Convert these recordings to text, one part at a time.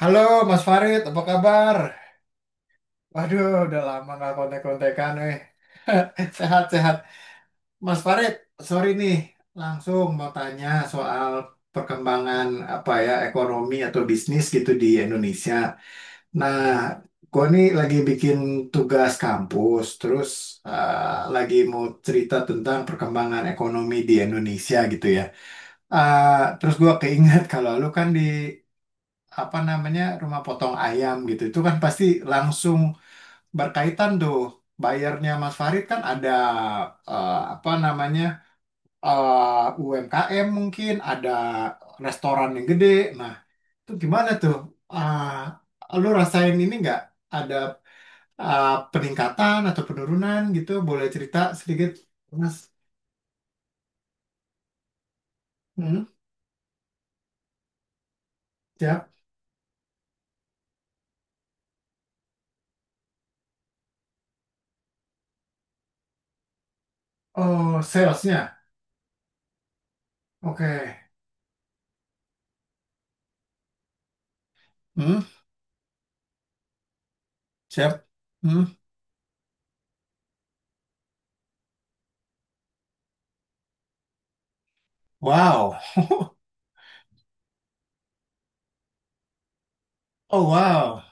Halo Mas Farid, apa kabar? Waduh, udah lama nggak kontek-kontekan, eh. Sehat-sehat. Mas Farid, sorry nih, langsung mau tanya soal perkembangan apa ya ekonomi atau bisnis gitu di Indonesia. Nah, gua nih lagi bikin tugas kampus, terus lagi mau cerita tentang perkembangan ekonomi di Indonesia gitu ya. Terus gua keinget kalau lu kan di apa namanya rumah potong ayam gitu, itu kan pasti langsung berkaitan tuh bayarnya Mas Farid kan ada apa namanya UMKM mungkin ada restoran yang gede. Nah, itu gimana tuh? Ah, lu rasain ini nggak ada peningkatan atau penurunan gitu? Boleh cerita sedikit, Mas? Hmm, siap. Oh, salesnya. Oke. Hmm, siap. Hmm, wow. Oh, wow.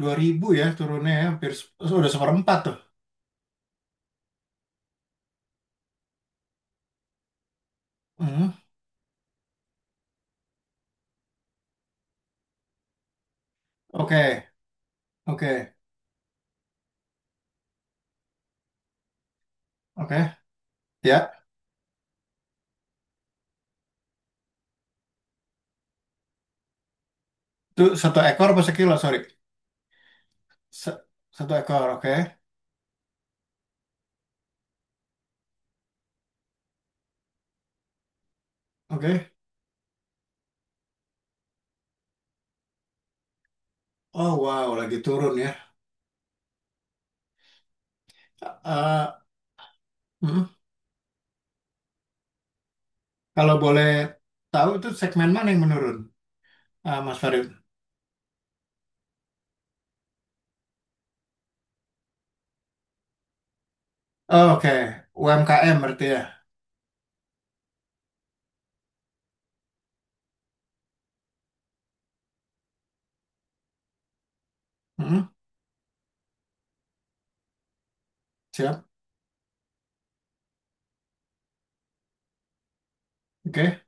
2.000 ya turunnya ya, hampir sudah seperempat tuh. Hmm. Oke, Oke, oke, ya. Itu satu ekor apa sekilo? Sorry, Se- satu ekor. Oke, oke. Oh wow, lagi turun ya. Eh, mm, Kalau boleh tahu itu segmen mana yang menurun, Mas Farid? Oh, oke, UMKM berarti ya. Mm, siap, oke,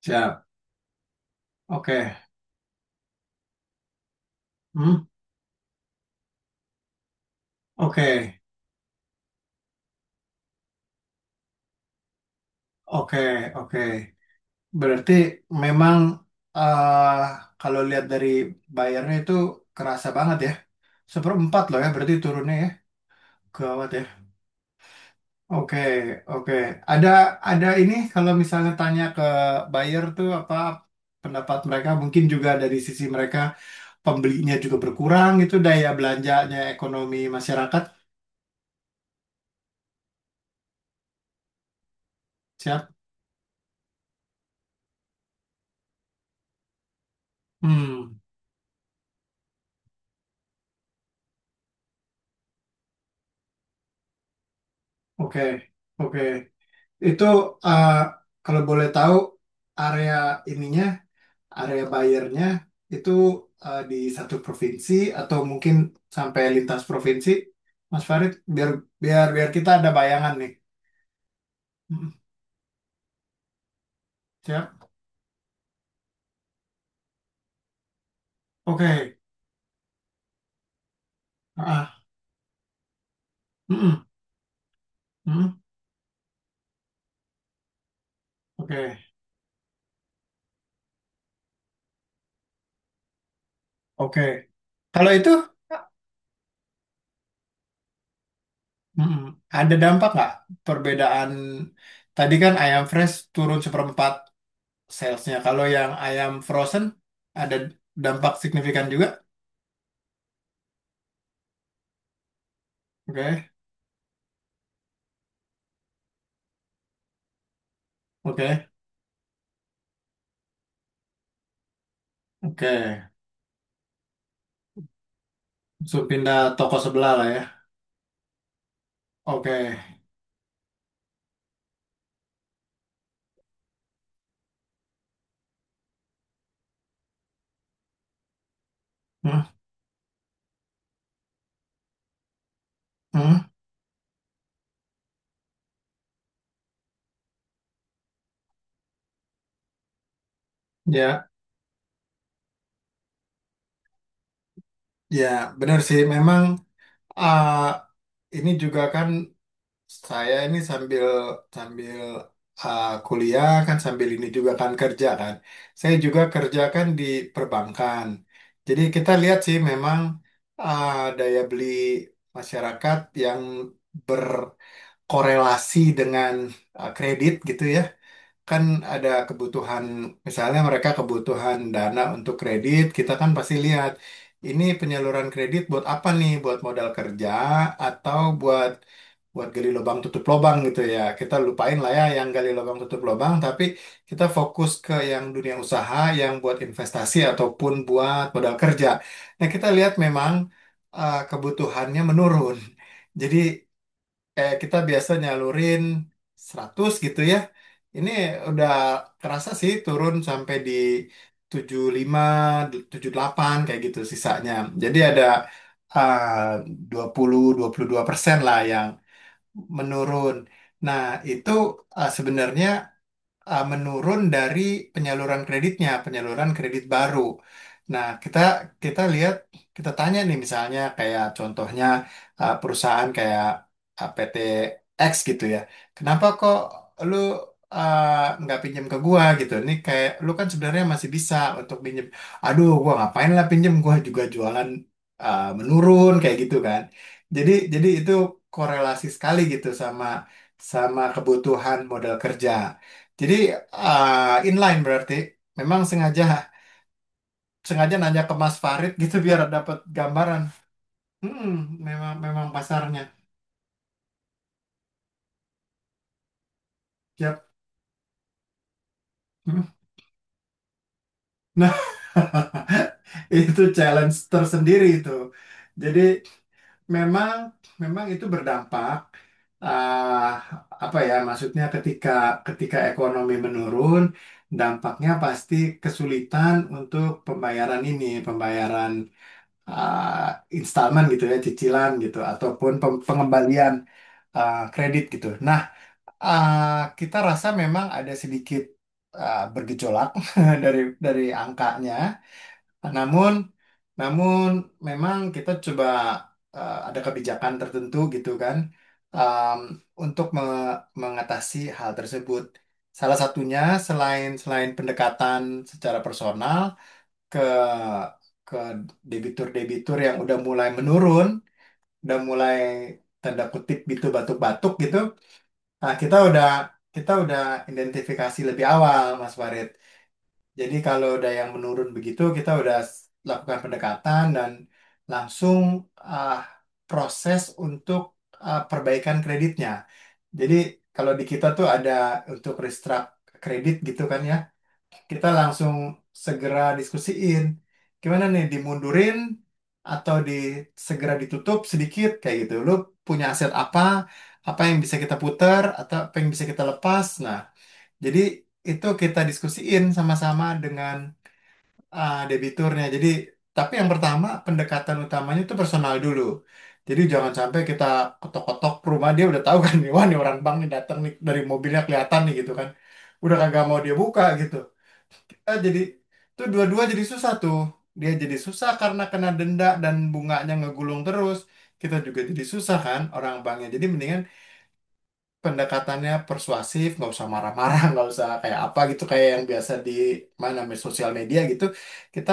siap, oke, mm, oke, oke, oke. Berarti memang eh, kalau lihat dari bayarnya itu kerasa banget ya. Seperempat loh ya, berarti turunnya ya. Gawat ya. Oke, oke. Ada ada ini kalau misalnya tanya ke buyer tuh apa pendapat mereka, mungkin juga dari sisi mereka pembelinya juga berkurang itu daya belanjanya ekonomi masyarakat. Siap? Hmm, oke, oke. Itu eh, kalau boleh tahu area ininya, area bayarnya itu di satu provinsi atau mungkin sampai lintas provinsi, Mas Farid, biar biar biar kita ada bayangan nih. Hmm, siap? Oke. Ah, mm-mm, mm, oke. Oke. Kalau itu mm-mm, ada dampak nggak perbedaan tadi kan ayam fresh turun seperempat salesnya. Kalau yang ayam frozen ada dampak signifikan juga. Oke. Oke. Oke. Langsung pindah toko sebelah lah ya. Oke. Hmm, hmm, ya. Ya, benar sih. Memang ah, ini juga kan. Saya ini sambil sambil kuliah kan sambil ini juga kan kerja kan. Saya juga kerja kan di perbankan. Jadi kita lihat sih memang uh, daya beli masyarakat yang berkorelasi dengan kredit gitu ya. Kan ada kebutuhan misalnya mereka kebutuhan dana untuk kredit, kita kan pasti lihat ini penyaluran kredit buat apa nih? Buat modal kerja atau buat buat gali lubang tutup lubang gitu ya. Kita lupain lah ya yang gali lubang tutup lubang, tapi kita fokus ke yang dunia usaha, yang buat investasi ataupun buat modal kerja. Nah, kita lihat memang kebutuhannya menurun. Jadi kita biasa nyalurin 100 gitu ya. Ini udah kerasa sih turun sampai di tujuh 75 78 kayak gitu sisanya. Jadi ada eh, 22% lah yang menurun. Nah, itu sebenarnya menurun dari penyaluran kreditnya, penyaluran kredit baru. Nah, kita kita lihat, kita tanya nih misalnya kayak contohnya perusahaan kayak PT X gitu ya. Kenapa kok lu uh, nggak pinjam ke gua gitu? Ini kayak lu kan sebenarnya masih bisa untuk pinjam. Aduh, gua ngapain lah pinjam? Gua juga jualan menurun kayak gitu kan. Jadi itu korelasi sekali gitu sama sama kebutuhan modal kerja. Jadi inline berarti memang sengaja sengaja nanya ke Mas Farid gitu biar dapat gambaran. Hmm, memang memang pasarnya. Yap. Hmm. Nah, itu challenge tersendiri itu. Jadi memang memang itu berdampak ah, apa ya maksudnya ketika ketika ekonomi menurun, dampaknya pasti kesulitan untuk pembayaran ini, pembayaran eh, installment gitu ya, cicilan gitu, ataupun pem- pengembalian kredit gitu. Nah, kita rasa memang ada sedikit bergejolak dari angkanya. Namun, namun, memang kita coba ada kebijakan tertentu gitu kan, em, untuk me- mengatasi hal tersebut. Salah satunya selain selain pendekatan secara personal ke ke debitur-debitur yang udah mulai menurun, udah mulai tanda kutip gitu batuk-batuk gitu. Nah, kita udah identifikasi lebih awal, Mas Farid. Jadi kalau udah yang menurun begitu, kita udah s- lakukan pendekatan dan langsung ah, proses untuk perbaikan kreditnya. Jadi kalau di kita tuh ada untuk restruct kredit gitu kan ya kita langsung segera diskusiin. Gimana nih, dimundurin atau di segera ditutup sedikit kayak gitu. Lu punya aset apa? Apa yang bisa kita putar atau apa yang bisa kita lepas? Nah, jadi itu kita diskusiin sama-sama dengan debiturnya. Jadi, tapi yang pertama pendekatan utamanya itu personal dulu. Jadi jangan sampai kita ketok-ketok rumah dia udah tahu kan, nih, wah nih orang bank nih datang nih dari mobilnya kelihatan nih gitu kan. Udah kagak mau dia buka gitu. Jadi tuh dua-dua jadi susah tuh. Dia jadi susah karena kena denda dan bunganya ngegulung terus. Kita juga jadi susah kan orang banknya. Jadi mendingan pendekatannya persuasif, nggak usah marah-marah, nggak usah kayak apa gitu kayak yang biasa di mana namanya, sosial media gitu. Kita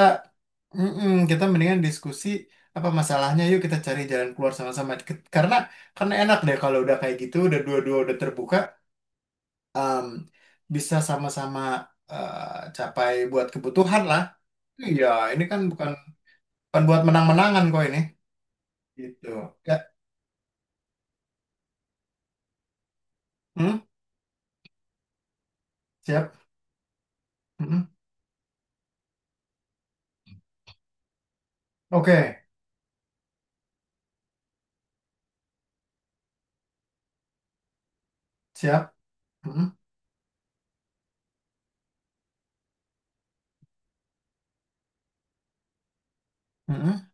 mm-mm, kita mendingan diskusi apa masalahnya yuk kita cari jalan keluar sama-sama. Karena enak deh kalau udah kayak gitu, udah dua-dua udah terbuka, em, bisa sama-sama capai buat kebutuhan lah. Iya, ini kan bukan bukan buat menang-menangan kok ini. Gitu. Ya. Hmm? Siap. Mm-mm. Oke, siap. Mm-mm. Mm-mm.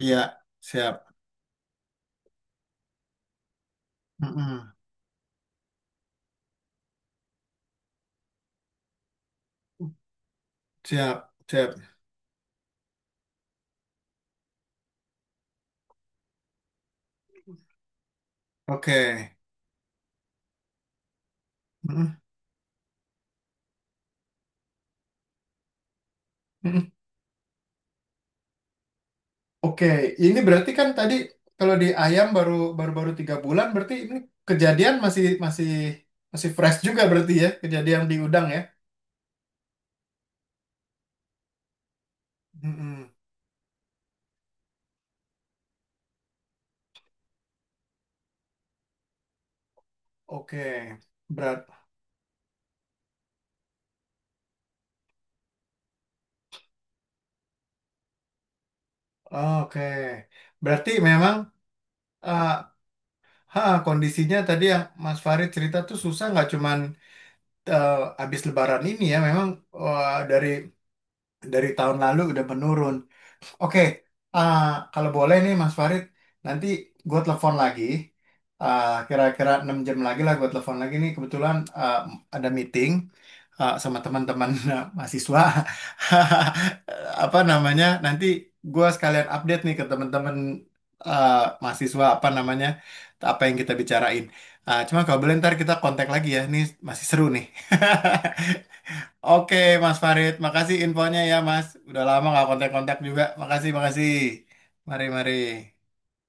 Iya, siap. Mm-mm. Siap, siap. Oke. Mm-mm. Mm-mm. Oke, ini berarti kan tadi kalau di ayam baru baru baru 3 bulan berarti ini kejadian masih masih masih fresh juga berarti ya kejadian di udang ya. Mm-mm. Oke, berat. Oke, berarti memang. uh, Ha, kondisinya tadi yang Mas Farid cerita tuh susah nggak cuman eh, habis Lebaran ini ya memang eh, dari dari tahun lalu udah menurun. Oke, ah, kalau boleh nih Mas Farid, nanti gue telepon lagi. Ah, kira-kira 6 jam lagi lah gue telepon lagi nih. Kebetulan ada meeting sama teman-teman mahasiswa. Apa namanya? Nanti gue sekalian update nih ke teman-teman ah, mahasiswa apa namanya, apa yang kita bicarain. Ah, cuma kalau boleh ntar kita kontak lagi ya. Ini masih seru nih. Oke, Mas Farid, makasih infonya ya, Mas. Udah lama nggak kontak-kontak juga. Makasih, makasih. Mari, mari.